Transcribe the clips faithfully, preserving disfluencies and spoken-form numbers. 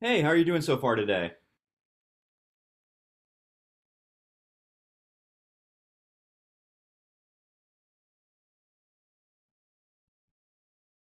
Hey, how are you doing so far today?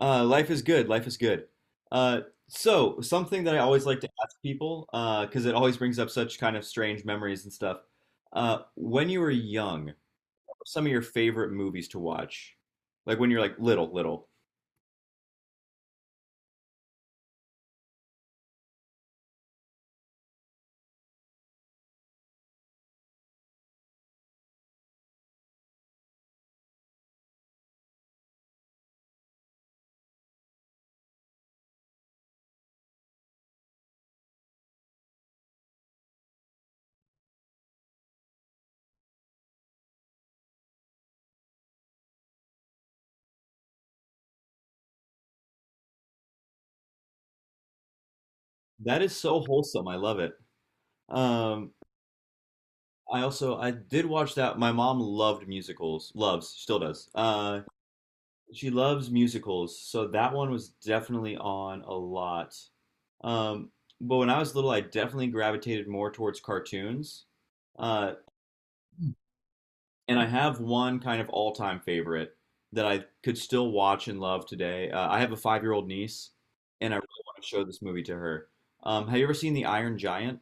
Uh, life is good. Life is good. Uh, so, Something that I always like to ask people, uh, because it always brings up such kind of strange memories and stuff. Uh, when you were young, what were some of your favorite movies to watch, like when you're like little, little. That is so wholesome. I love it. Um, I also I did watch that. My mom loved musicals. Loves, still does. Uh, she loves musicals, so that one was definitely on a lot. Um, but when I was little, I definitely gravitated more towards cartoons. Uh, and I have one kind of all-time favorite that I could still watch and love today. Uh, I have a five-year-old niece, and I really want to show this movie to her. Um, have you ever seen The Iron Giant?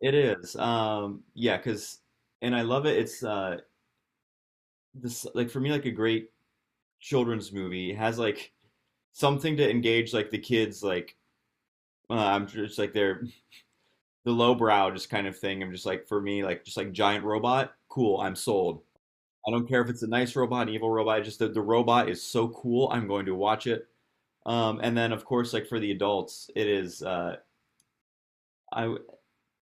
It is. Um, yeah, because and I love it. It's uh this like for me like a great children's movie. It has like something to engage like the kids like uh, I'm just like their the lowbrow just kind of thing. I'm just like for me, like just like giant robot, cool. I'm sold. I don't care if it's a nice robot, an evil robot. Just the, the robot is so cool. I'm going to watch it. Um, and then of course, like for the adults, it is. Uh, I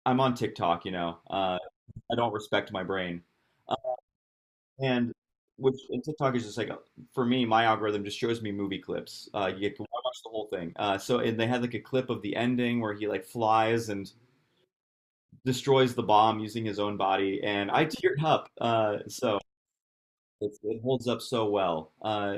I'm on TikTok. You know, uh, I don't respect my brain, uh, and which and TikTok is just like for me, my algorithm just shows me movie clips. Uh, you get to watch the whole thing. Uh, so and they had like a clip of the ending where he like flies and destroys the bomb using his own body, and I teared up. Uh, so it's, it holds up so well. Uh,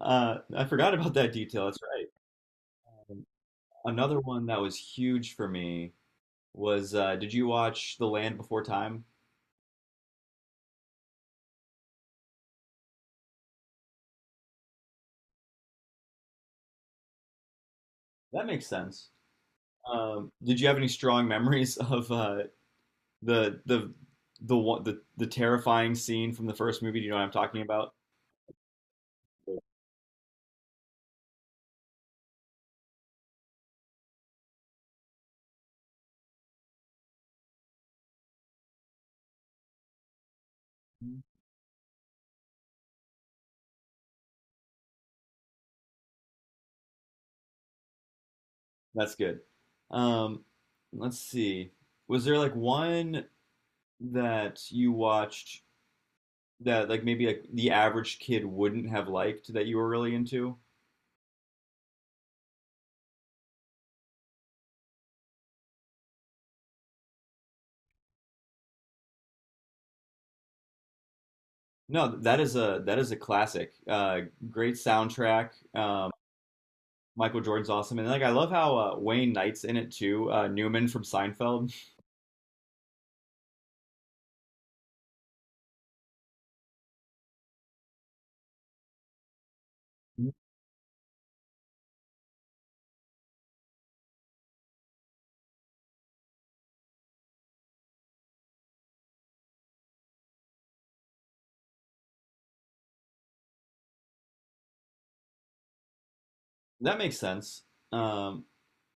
uh, I forgot about that detail. That's right. Another one that was huge for me was uh, did you watch The Land Before Time? That makes sense. Um, did you have any strong memories of uh, the the the one the, the terrifying scene from the first movie? Do you know what I'm talking about? That's good. Um, let's see. Was there like one that you watched that like maybe like the average kid wouldn't have liked that you were really into? No, that is a that is a classic. Uh, great soundtrack. Um, Michael Jordan's awesome, and like I love how uh, Wayne Knight's in it too. Uh, Newman from Seinfeld. That makes sense. Um,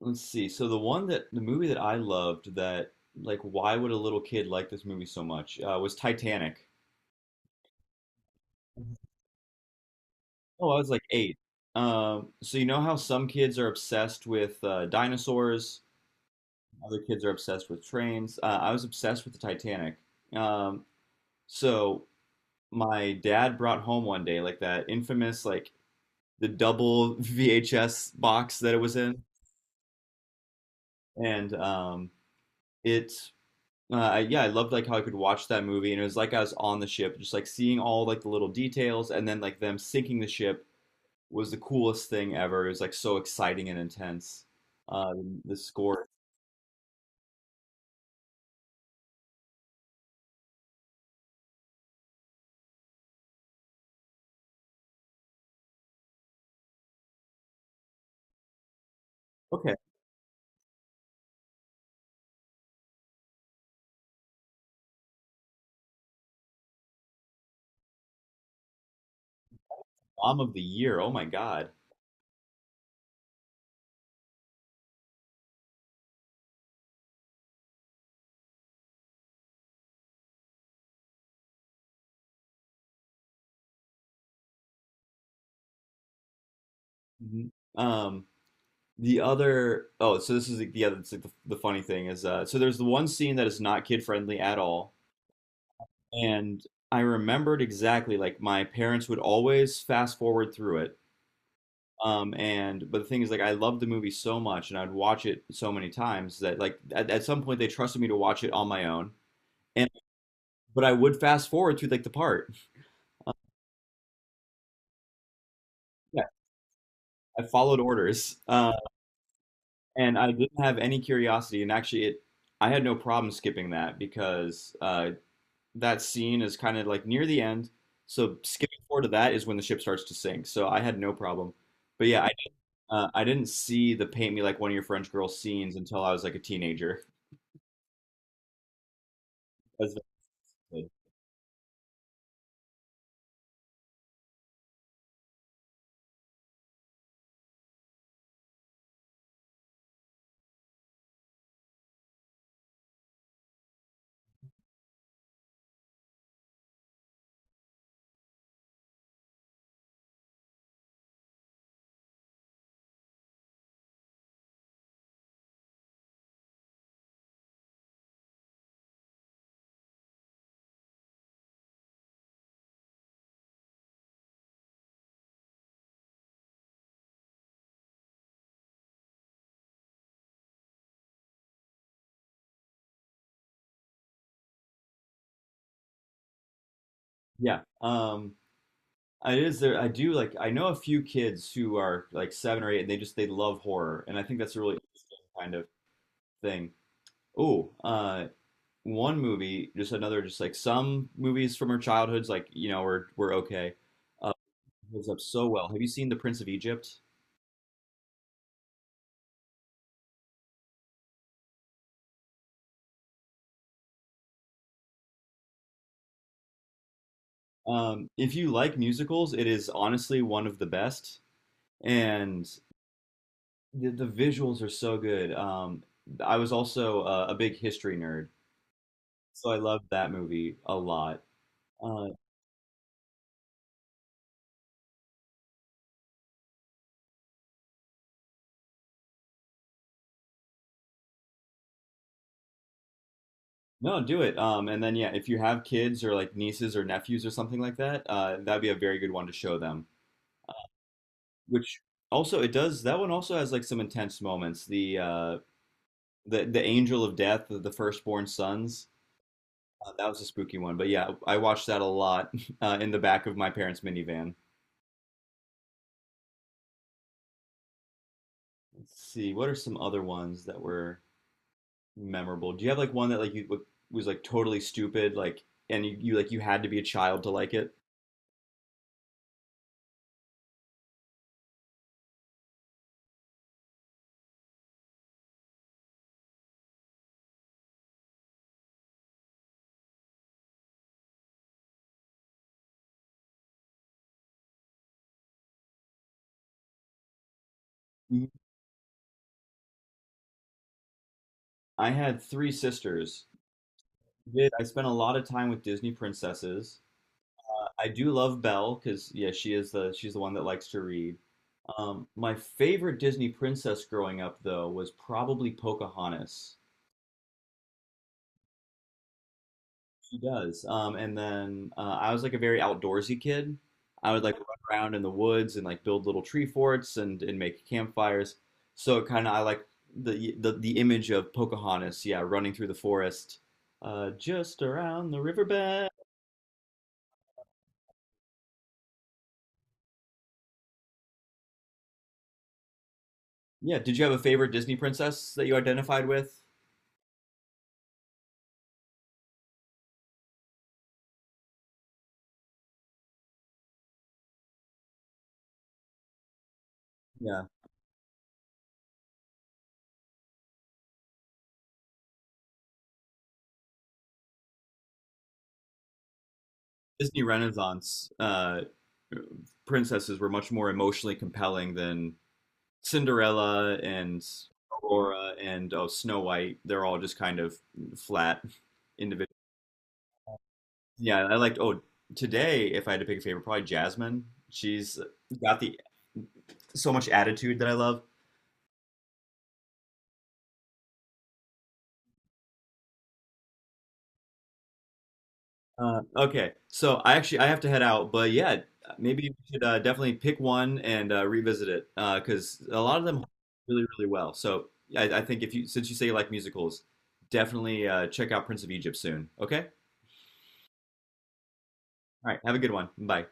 let's see. So the one that the movie that I loved that like why would a little kid like this movie so much uh, was Titanic. Oh, I was like eight. Um, so you know how some kids are obsessed with uh, dinosaurs. Other kids are obsessed with trains. Uh, I was obsessed with the Titanic. Um, so my dad brought home one day like that infamous like the double V H S box that it was in, and um, it uh, yeah, I loved like how I could watch that movie, and it was like I was on the ship, just like seeing all like the little details, and then like them sinking the ship was the coolest thing ever. It was like so exciting and intense. Uh, the score. Okay, mom of the year. Oh my God. Mhm. Um, The other, oh, so this is the, the other, it's like the, the funny thing is, uh, so there's the one scene that is not kid friendly at all. And I remembered exactly, like, my parents would always fast forward through it. Um, and, but the thing is, like, I loved the movie so much and I'd watch it so many times that, like, at, at some point they trusted me to watch it on my own. And, but I would fast forward through, like, the part. Yeah, I followed orders. Uh, and I didn't have any curiosity. And actually, it, I had no problem skipping that because uh, that scene is kind of like near the end. So skipping forward to that is when the ship starts to sink. So I had no problem. But yeah, I uh, I didn't see the paint me like one of your French girls scenes until I was like a teenager. As a kid. Yeah, um, it is there. I do like I know a few kids who are like seven or eight, and they just they love horror, and I think that's a really interesting kind of thing. Oh, uh, one movie, just another, just like some movies from our childhoods, like you know, were were okay. Uh, Holds up so well. Have you seen The Prince of Egypt? Um, if you like musicals, it is honestly one of the best, and the, the visuals are so good. Um, I was also uh, a big history nerd, so I loved that movie a lot. Uh, no, do it. Um, and then yeah, if you have kids or like nieces or nephews or something like that, uh, that'd be a very good one to show them. Which also it does. That one also has like some intense moments. The uh, the the Angel of Death, the, the firstborn sons. Uh, that was a spooky one, but yeah, I watched that a lot uh, in the back of my parents' minivan. Let's see, what are some other ones that were memorable? Do you have like one that like you w- was like totally stupid, like and you, you like you had to be a child to like it? Mm. I had three sisters. Did- I spent a lot of time with Disney princesses. I I do love Belle because yeah, she is the she's the one that likes to read. Um, my favorite Disney princess growing up though was probably Pocahontas. He does. Um, and then uh, I was like a very outdoorsy kid. I would like run around in the woods and like build little tree forts and and make campfires. So kind of I like the, the the image of Pocahontas, yeah, running through the forest, uh, just around the riverbed. Yeah. Did you have a favorite Disney princess that you identified with? Yeah. Disney Renaissance uh, princesses were much more emotionally compelling than Cinderella and Aurora and oh Snow White, they're all just kind of flat individuals. Yeah, I liked oh today if I had to pick a favorite, probably Jasmine. She's got the so much attitude that I love. Uh, okay, so I actually I have to head out, but yeah, maybe we should uh, definitely pick one and uh, revisit it because a lot of them hold really really well. So I, I think if you since you say you like musicals, definitely uh, check out Prince of Egypt soon. Okay, all right, have a good one. Bye.